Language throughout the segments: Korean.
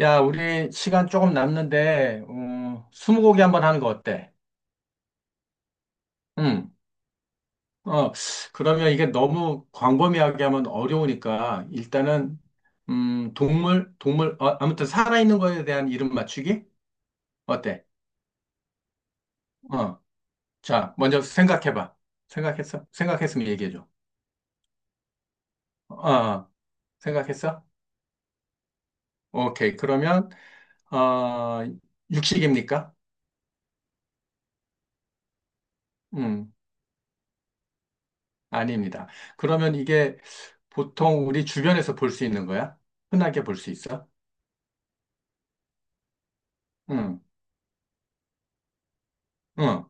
야, 우리 시간 조금 남는데, 스무고개 한번 하는 거 어때? 응. 어, 그러면 이게 너무 광범위하게 하면 어려우니까, 일단은, 동물, 동물, 아무튼 살아있는 거에 대한 이름 맞추기? 어때? 어, 자, 먼저 생각해봐. 생각했어? 생각했으면 얘기해줘. 어, 생각했어? 오케이. 그러면, 어, 육식입니까? 음 아닙니다. 그러면 이게 보통 우리 주변에서 볼 수 있는 거야? 흔하게 볼 수 있어? 응, 응.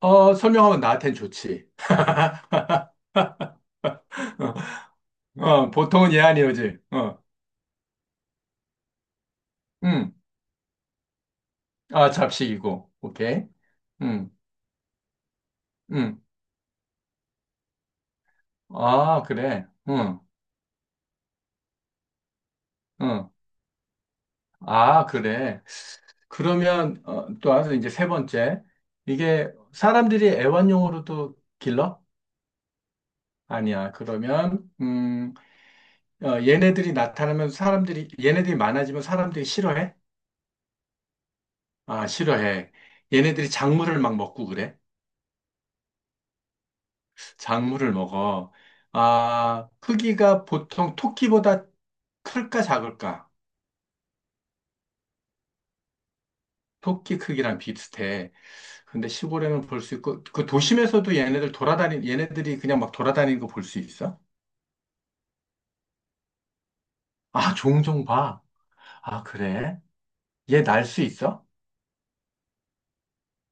어, 설명하면 나한텐 좋지. 어, 어, 보통은 얘 아니오지. 어, 응. 아, 잡식이고. 오케이. 응, 응. 아, 그래. 응, 응. 아, 그래. 그러면, 또 와서 이제 세 번째. 이게 사람들이 애완용으로도 길러? 아니야. 그러면, 얘네들이 나타나면 사람들이, 얘네들이 많아지면 사람들이 싫어해? 아, 싫어해. 얘네들이 작물을 막 먹고 그래? 작물을 먹어. 아, 크기가 보통 토끼보다 클까 작을까? 토끼 크기랑 비슷해. 근데 시골에는 볼 수 있고, 그 도심에서도 얘네들이 그냥 막 돌아다니는 거 볼 수 있어? 아, 종종 봐. 아, 그래? 얘 날 수 있어?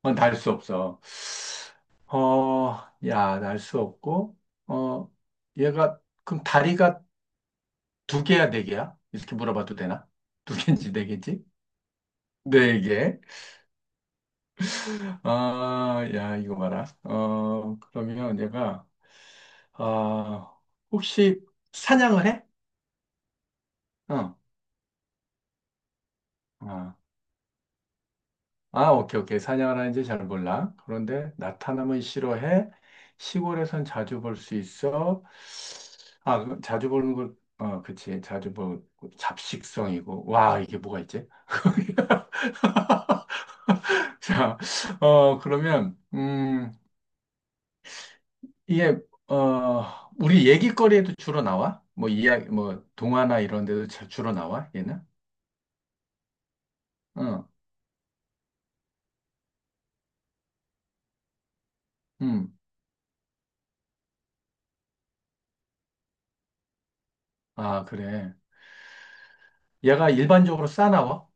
어, 날수 없어. 어, 야, 날 수 없고, 어, 얘가, 그럼 다리가 두 개야, 네 개야? 이렇게 물어봐도 되나? 두 개인지 네 개인지? 네 개. 아, 야, 이거 봐라. 어, 그러면 얘가, 아, 혹시 사냥을 해? 어. 아. 아, 오케이, 오케이. 사냥을 하는지 잘 몰라. 그런데 나타남은 싫어해. 시골에선 자주 볼 수 있어. 아, 그 자주 보는 걸, 어, 그치. 자주 보고 잡식성이고. 와, 이게 뭐가 있지? 자, 그러면, 이게, 우리 얘기거리에도 주로 나와? 뭐, 이야기, 뭐, 동화나 이런 데도 주로 나와? 얘는? 응, 음, 아, 그래. 얘가 일반적으로 싸나와?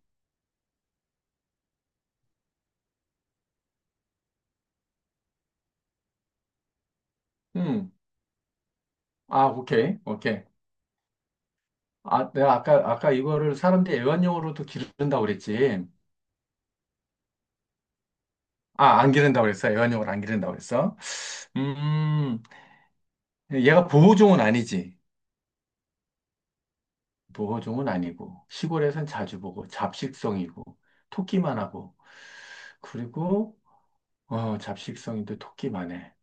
음, 아, 오케이, 오케이. 아, 내가 아까, 아까 이거를 사람들이 애완용으로도 기른다고 그랬지. 아, 안 기른다고 그랬어. 애완용으로 안 기른다고 그랬어. 음, 얘가 보호종은 아니지. 보호종은 아니고, 시골에선 자주 보고, 잡식성이고, 토끼만 하고, 그리고, 잡식성인데 토끼만 해.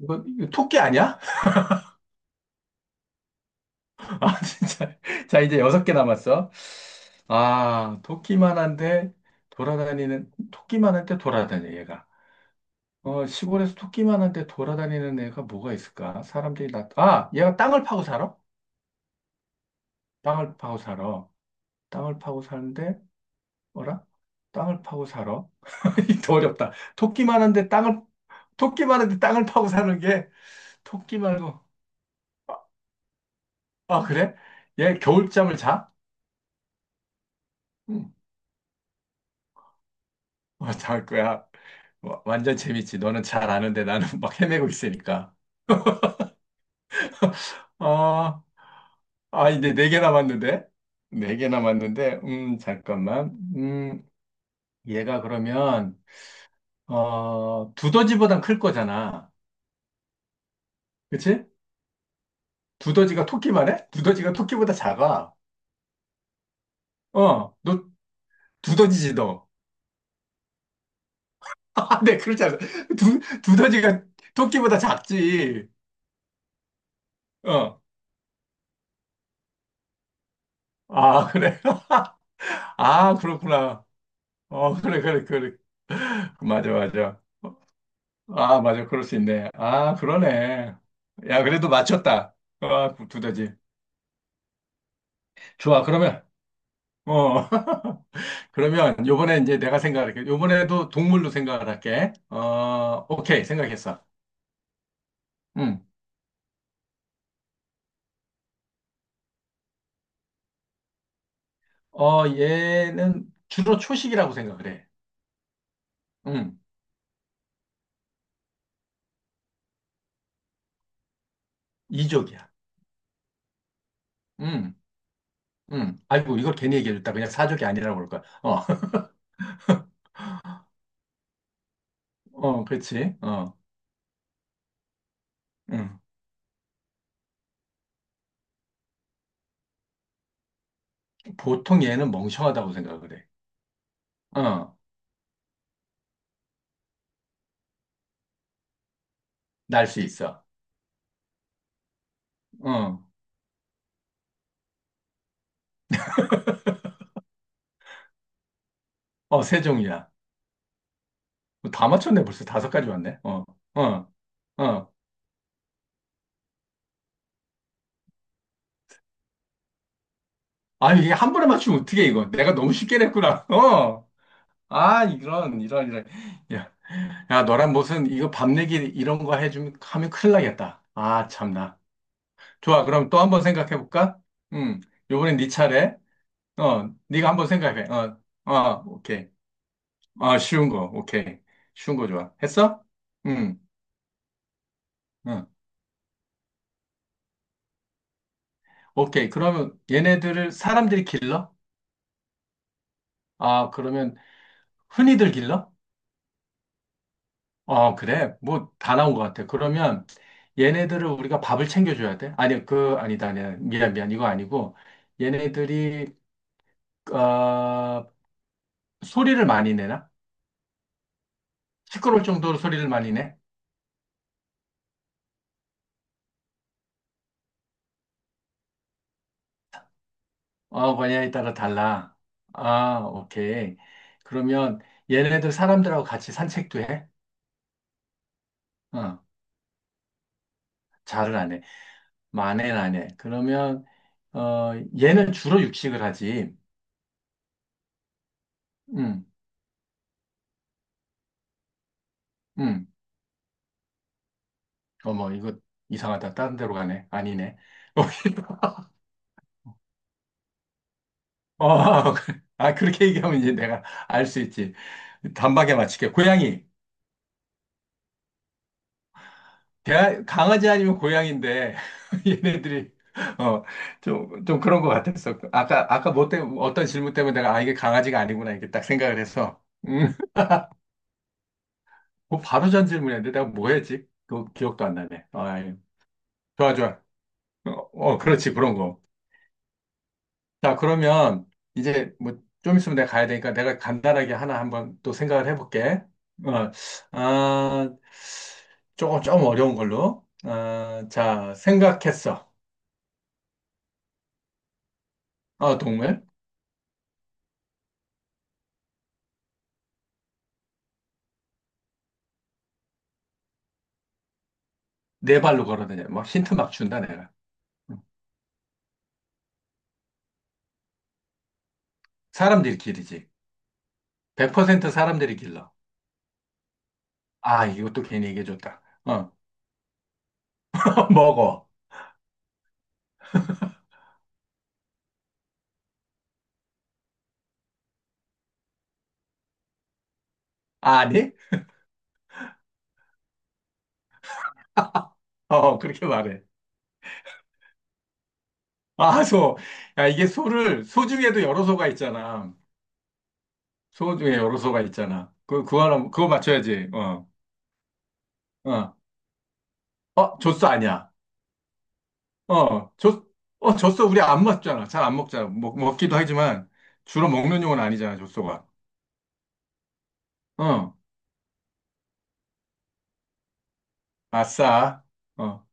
이거, 이거 토끼 아니야? 아, 진짜. 자, 이제 여섯 개 남았어. 아, 토끼만 한데, 돌아다니는, 토끼만 한데 돌아다녀, 얘가. 어, 시골에서 토끼만 한데 돌아다니는 애가 뭐가 있을까? 사람들이 나, 아, 얘가 땅을 파고 살아? 땅을 파고 살아. 땅을 파고 사는데, 뭐라? 땅을 파고 살아. 이거 어렵다. 토끼만 한데 땅을, 토끼만 한데 땅을 파고 사는 게, 토끼 말고, 아, 아, 그래? 얘 겨울잠을 자? 응. 어, 잘 거야. 와, 완전 재밌지. 너는 잘 아는데 나는 막 헤매고 있으니까. 아, 아, 이제 네 개 남았는데? 네 개 남았는데, 잠깐만. 음, 얘가 그러면 두더지보단 클 거잖아. 그치? 두더지가 토끼만 해? 두더지가 토끼보다 작아. 어, 너 두더지지 너. 아, 네, 그렇지 않아. 두 두더지가 토끼보다 작지. 어. 아, 그래. 아, 그렇구나. 어, 그래, 그래, 그래. 맞아, 맞아. 어, 아, 맞아. 그럴 수 있네. 아, 그러네. 야, 그래도 맞췄다. 아, 두더지. 좋아, 그러면. 어. 그러면 요번에 이제 내가 생각할게. 요번에도 동물로 생각을 할게. 어, 오케이. 생각했어. 음. 어, 얘는 주로 초식이라고 생각을 해. 음. 이족이야. 음. 음. 아이고, 이걸 괜히 얘기해줬다. 그냥 사족이 아니라고 그럴 거야. 어. 어, 그렇지. 어. 음. 보통 얘는 멍청하다고 생각을 해. 어. 날 수 있어. 어. 어, 세 종이야. 뭐 다 맞췄네. 벌써 다섯 가지 왔네. 어. 어. 어. 아니, 이게 한 번에 맞추면 어떻게 이거? 내가 너무 쉽게 냈구나. 어. 아, 이런, 이런, 이런. 야, 야, 너랑 무슨, 이거 밤내기 이런 거 해주면, 하면 큰일 나겠다. 아, 참나. 좋아, 그럼 또 한번 생각해볼까? 음, 요번엔 네 차례. 어, 네가 한번 생각해. 어, 어, 오케이. 아, 쉬운 거, 오케이. 쉬운 거 좋아. 했어? 음, 응. 오케이. 그러면 얘네들을 사람들이 길러? 아, 그러면 흔히들 길러? 어, 그래. 뭐, 다 나온 것 같아. 그러면 얘네들을 우리가 밥을 챙겨줘야 돼? 아니, 그, 아니다, 아니야. 미안, 미안. 이거 아니고. 얘네들이, 어, 소리를 많이 내나? 시끄러울 정도로 소리를 많이 내? 어, 분야에 따라 달라. 아, 오케이. 그러면 얘네들 사람들하고 같이 산책도 해? 어, 잘은 안 해. 만에는 안 해. 그러면, 어, 얘는 주로 육식을 하지. 음, 음. 어머, 이거 이상하다. 다른 데로 가네. 아니네. 어, 아, 그렇게 얘기하면 이제 내가 알 수 있지. 단박에 맞출게. 고양이. 대 강아지 아니면 고양인데, 얘네들이, 어, 좀, 좀 그런 것 같았어. 아까, 아까 뭐 때문에, 어떤 질문 때문에 내가, 아, 이게 강아지가 아니구나, 이렇게 딱 생각을 해서. 음, 뭐 바로 전 질문이었는데, 내가 뭐 했지? 그 기억도 안 나네. 아, 예. 좋아, 좋아. 어, 어, 그렇지, 그런 거. 자, 그러면 이제 뭐 좀 있으면 내가 가야 되니까 내가 간단하게 하나 한번 또 생각을 해볼게. 어, 아, 조금, 조금 어려운 걸로. 어, 자, 생각했어. 어, 동물. 네 발로 걸어다녀. 막 힌트 막 준다, 내가. 응. 사람들이 길이지. 100% 사람들이 길러. 아, 이것도 괜히 얘기해줬다. 어, 먹어. 아니? 어, 그렇게 말해. 아, 소. 야, 이게 소를, 소 중에도 여러 소가 있잖아. 소 중에 여러소가 있잖아. 그, 그거 하나, 그거 맞춰야지. 어, 어, 어, 젖소 아니야. 어, 젖, 어, 젖소 우리 안 먹잖아. 잘 안 먹잖아. 먹, 먹기도 하지만 주로 먹는 용은 아니잖아, 젖소가. 어, 아싸. 어,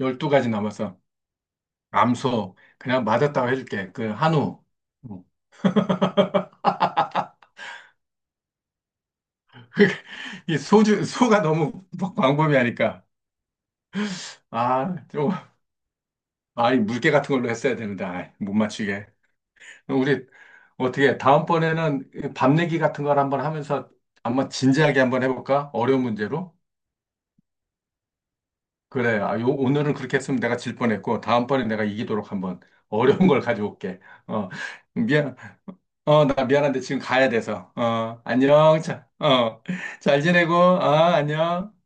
12가지 남았어. 암소. 그냥 맞았다고 해줄게. 그, 한우. 음. 이 소주, 소가 너무 광범위하니까. 아, 좀, 아, 이 물개 같은 걸로 했어야 되는데, 아이, 못 맞추게. 우리 어떻게 다음번에는 밥 내기 같은 걸 한번 하면서 한번 진지하게 한번 해볼까? 어려운 문제로? 그래. 아, 요, 오늘은 그렇게 했으면 내가 질 뻔했고 다음번에 내가 이기도록 한번 어려운 걸 가져올게. 어, 미안. 어, 나 미안한데 지금 가야 돼서. 어, 안녕. 자, 어, 잘 지내고. 아, 안녕.